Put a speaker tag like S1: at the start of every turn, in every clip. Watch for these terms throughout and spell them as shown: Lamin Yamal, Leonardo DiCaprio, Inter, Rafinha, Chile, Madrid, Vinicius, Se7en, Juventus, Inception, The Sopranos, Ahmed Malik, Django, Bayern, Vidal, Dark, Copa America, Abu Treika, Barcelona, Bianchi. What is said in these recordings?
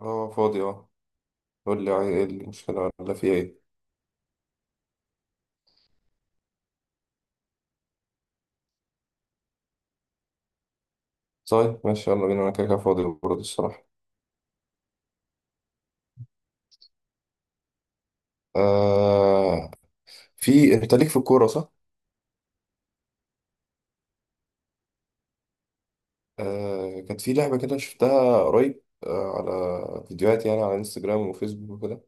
S1: اه، فاضي اه. قول لي، عايز ايه؟ المشكلة ولا في ايه؟ طيب ماشي، يلا بينا، انا كده كده فاضي برضه الصراحة. آه. في، انت ليك في الكورة صح؟ آه، كانت في لعبة كده شفتها قريب، آه، على فيديوهات يعني، على انستجرام وفيسبوك وكده.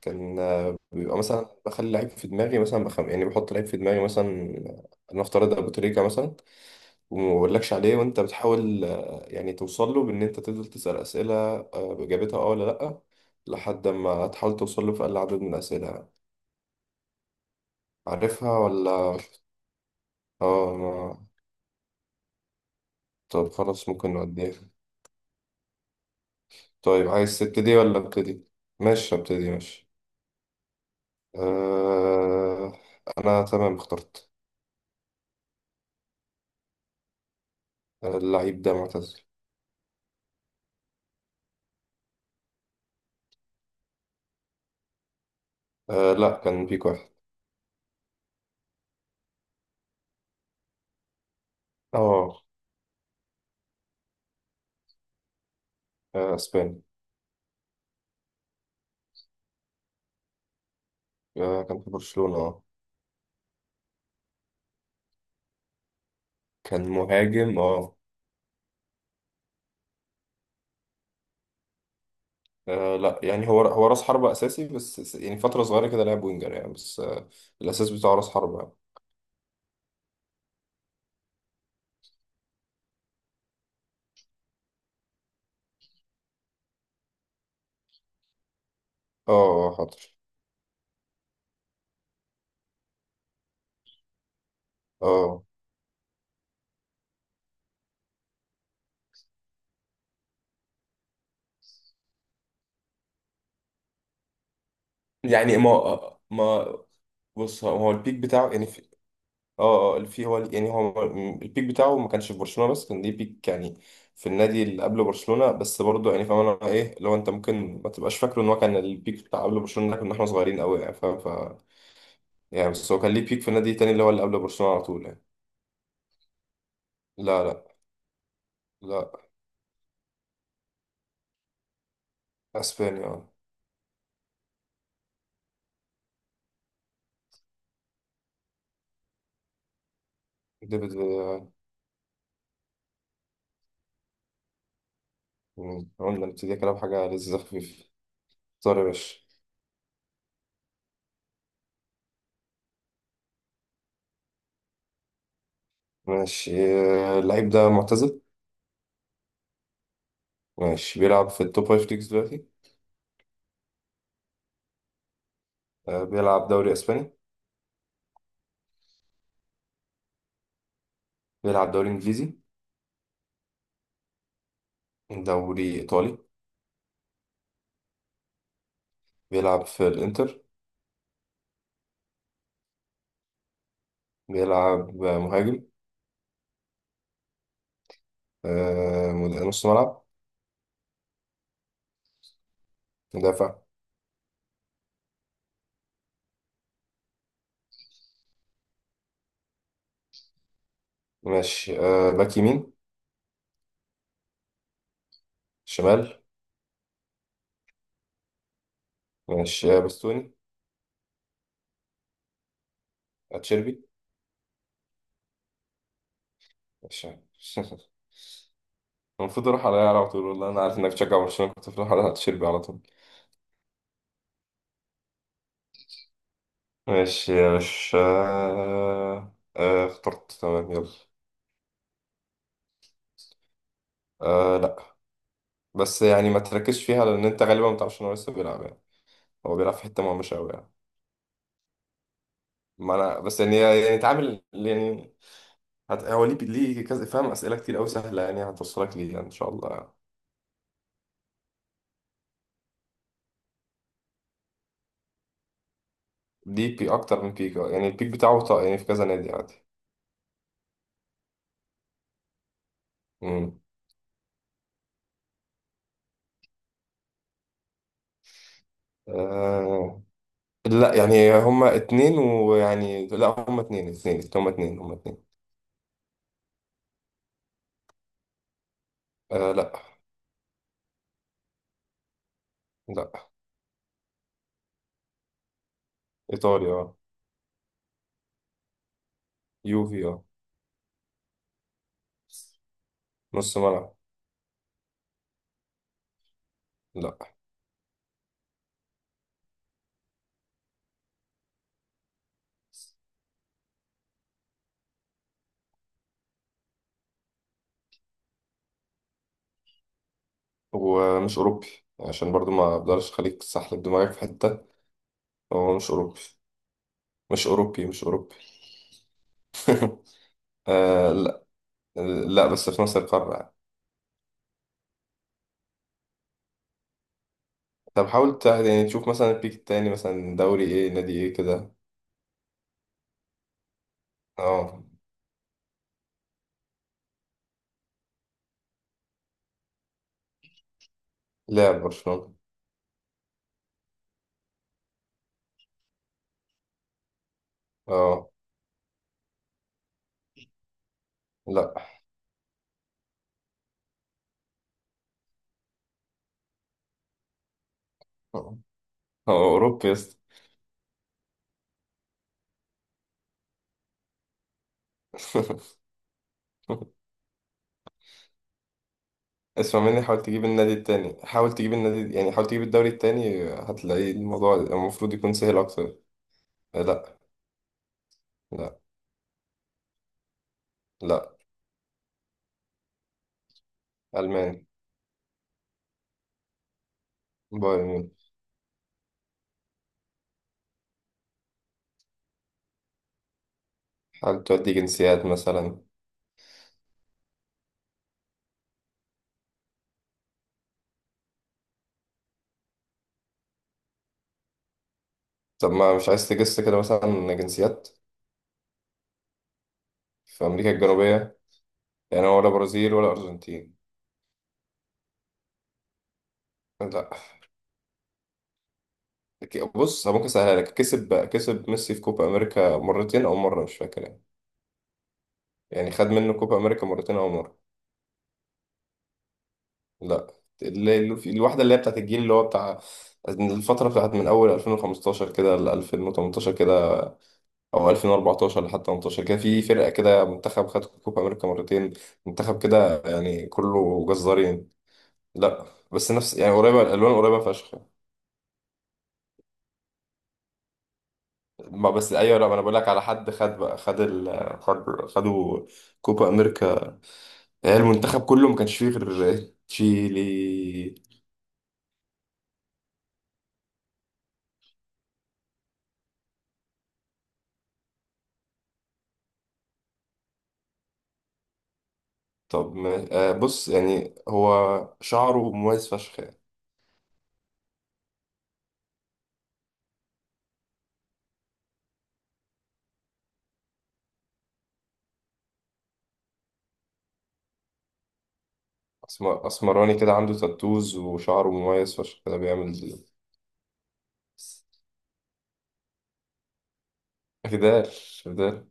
S1: كان، آه، بيبقى مثلا بخلي لعيب في دماغي مثلا، يعني بحط لعيب في دماغي مثلا. نفترض ابو تريكة مثلا. وما بقولكش عليه وانت بتحاول، يعني توصل له، بان انت تفضل تسأل اسئلة، باجابتها اه ولا لأ، لحد ما تحاول توصل له في اقل عدد من الاسئلة. عارفها ولا؟ اه ما... طب خلاص ممكن نوديها. طيب عايز تبتدي ولا ابتدي؟ ماشي ابتدي، ماشي. آه... انا تمام، اخترت. آه، اللعيب ده معتزل. آه لا، كان بيك واحد. اه. آه، اسباني. آه، كان في برشلونة اه. كان مهاجم اه. آه لا، يعني هو راس حربة أساسي، بس يعني فترة صغيرة كده لعب وينجر يعني، بس آه الأساس بتاعه راس حربة يعني. اه. آه، حاضر. اه. يعني ما آه، ما بص، هو البيك بتاعه يعني في. اه اه، في، هو يعني هو البيك بتاعه ما كانش في برشلونة، بس كان ليه بيك يعني في النادي اللي قبل برشلونة، بس برضه يعني فاهم انا ايه. لو انت ممكن ما تبقاش فاكره ان هو كان البيك بتاع قبل برشلونة، ده كنا احنا صغيرين قوي يعني فاهم. ف يعني بس هو كان ليه بيك في النادي التاني، اللي هو اللي قبل برشلونة على طول يعني. لا. لا. اسبانيا اه. ديفيد. مم. قلنا نبتدي كلام، حاجة لذيذة خفيفة. طار يا باشا. ماشي. آه، اللعيب ده معتزل. ماشي، بيلعب في التوب فايف ليجز دلوقتي. آه، بيلعب دوري أسباني. بيلعب دوري إنجليزي. دوري إيطالي. بيلعب في الإنتر. بيلعب آه، مهاجم. آه، نص ملعب. مدافع. ماشي، آه، باك يمين. شمال. ماشي، آه، بستوني. أتشيربي. ماشي. المفروض أروح على طول. والله أنا عارف إنك تشجع برشلونة، كنت بروح على أتشيربي على طول. ماشي يا باشا. اخترت تمام، يلا. آه لا، بس يعني ما تركزش فيها، لان انت غالبا ما تعرفش ان هو لسه بيلعب يعني. هو بيلعب في حته مهمشه قوي يعني. ما انا بس يعني اتعامل يعني. هو ليه كذا فاهم. اسئله كتير قوي سهله، يعني هتوصلك ليه يعني ان شاء الله يعني. ليه بي اكتر من بيك يعني. يعني في كذا نادي عادي. امم. آه لا يعني هما اتنين ويعني لا هما اتنين. آه لا. لا. ايطاليا آه. يوفي. اه، نص ملعب. لا. ومش أوروبي. عشان برضو ما أقدرش أخليك تسحلب دماغك في حتة. هو مش أوروبي مش أوروبي. آه لا. لا بس في نفس القارة يعني. طب حاول يعني تشوف مثلا البيك التاني مثلا دوري إيه، نادي إيه كده. اه، لاعب برشلونة. اه. لا. هو أوروبي يا اسطى. اسمع مني، حاول تجيب النادي التاني، حاول تجيب النادي، يعني حاول تجيب الدوري التاني، هتلاقي الموضوع المفروض يكون سهل أكتر. آه، لا. لا. لا. ألماني. بايرن. هل تودي جنسيات مثلا؟ طب ما مش عايز تجس كده مثلا جنسيات في أمريكا الجنوبية يعني، ولا برازيل ولا أرجنتين؟ لا. بص ممكن أسهلها لك. كسب ميسي في كوبا أمريكا مرتين أو مرة مش فاكر يعني. يعني خد منه كوبا أمريكا مرتين أو مرة. لا. اللي، الواحدة اللي هي بتاعت الجيل اللي هو بتاع الفترة بتاعت من أول 2015 كده ل 2018 كده، أو 2014 لحد 18 كده، في فرقة كده منتخب خد كوبا أمريكا مرتين. منتخب كده يعني كله جزارين. لا. بس نفس يعني قريبة، الألوان قريبة فشخ. ما بس أيوة، لا ما أنا بقول لك على حد، خد بقى، خد ال خد خدوا كوبا أمريكا. يعني المنتخب كله ما كانش فيه غير تشيلي. طب ما آه بص يعني هو، شعره مميز فشخ يعني. أسمراني كده، عنده تاتوز وشعره مميز فشخ، ده بيعمل كده. بدال. بدال.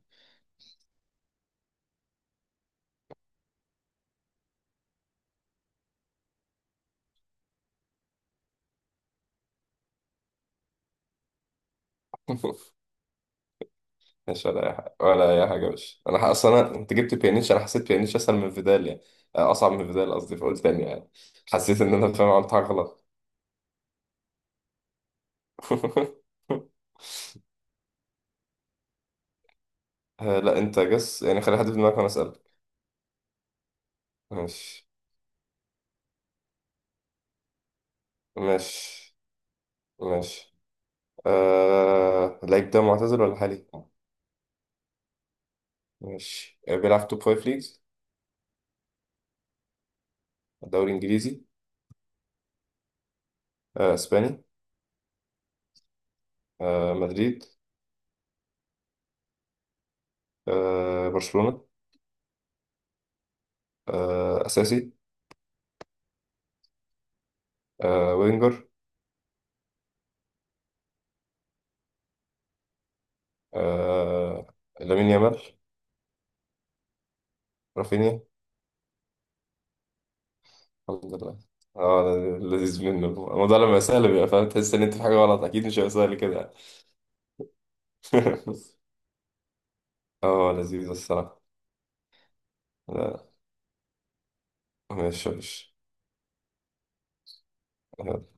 S1: مش ولا أي حاجة، ولا أي حاجة. بس أنا أصلا أنا، أنت جبت بيانيتش، أنا حسيت بيانيتش أسهل من فيدال يعني، آه، أصعب من فيدال قصدي، فقلت تاني يعني. حسيت إن أنا فاهم، عملت حاجة غلط. آه، لا. أنت جس يعني، خلي حد في دماغك وأنا أسألك. ماشي ماشي. ماشي. آه... اللعيب ده معتزل ولا حالي؟ ماشي، آه، بيلعب توب فايف ليجز. دوري إنجليزي؟ آه، إسباني. آه، مدريد؟ آه، برشلونة. آه، أساسي. آه، وينجر. آه، لامين يامال. رافينيا. الحمد لله. اه. لذيذ منه الموضوع لما سهل، بيبقى فاهم، تحس ان انت في حاجه غلط، اكيد مش هيبقى سهل كده يعني. اه، لذيذ الصراحه. لا. ماشي، ماشي. آه.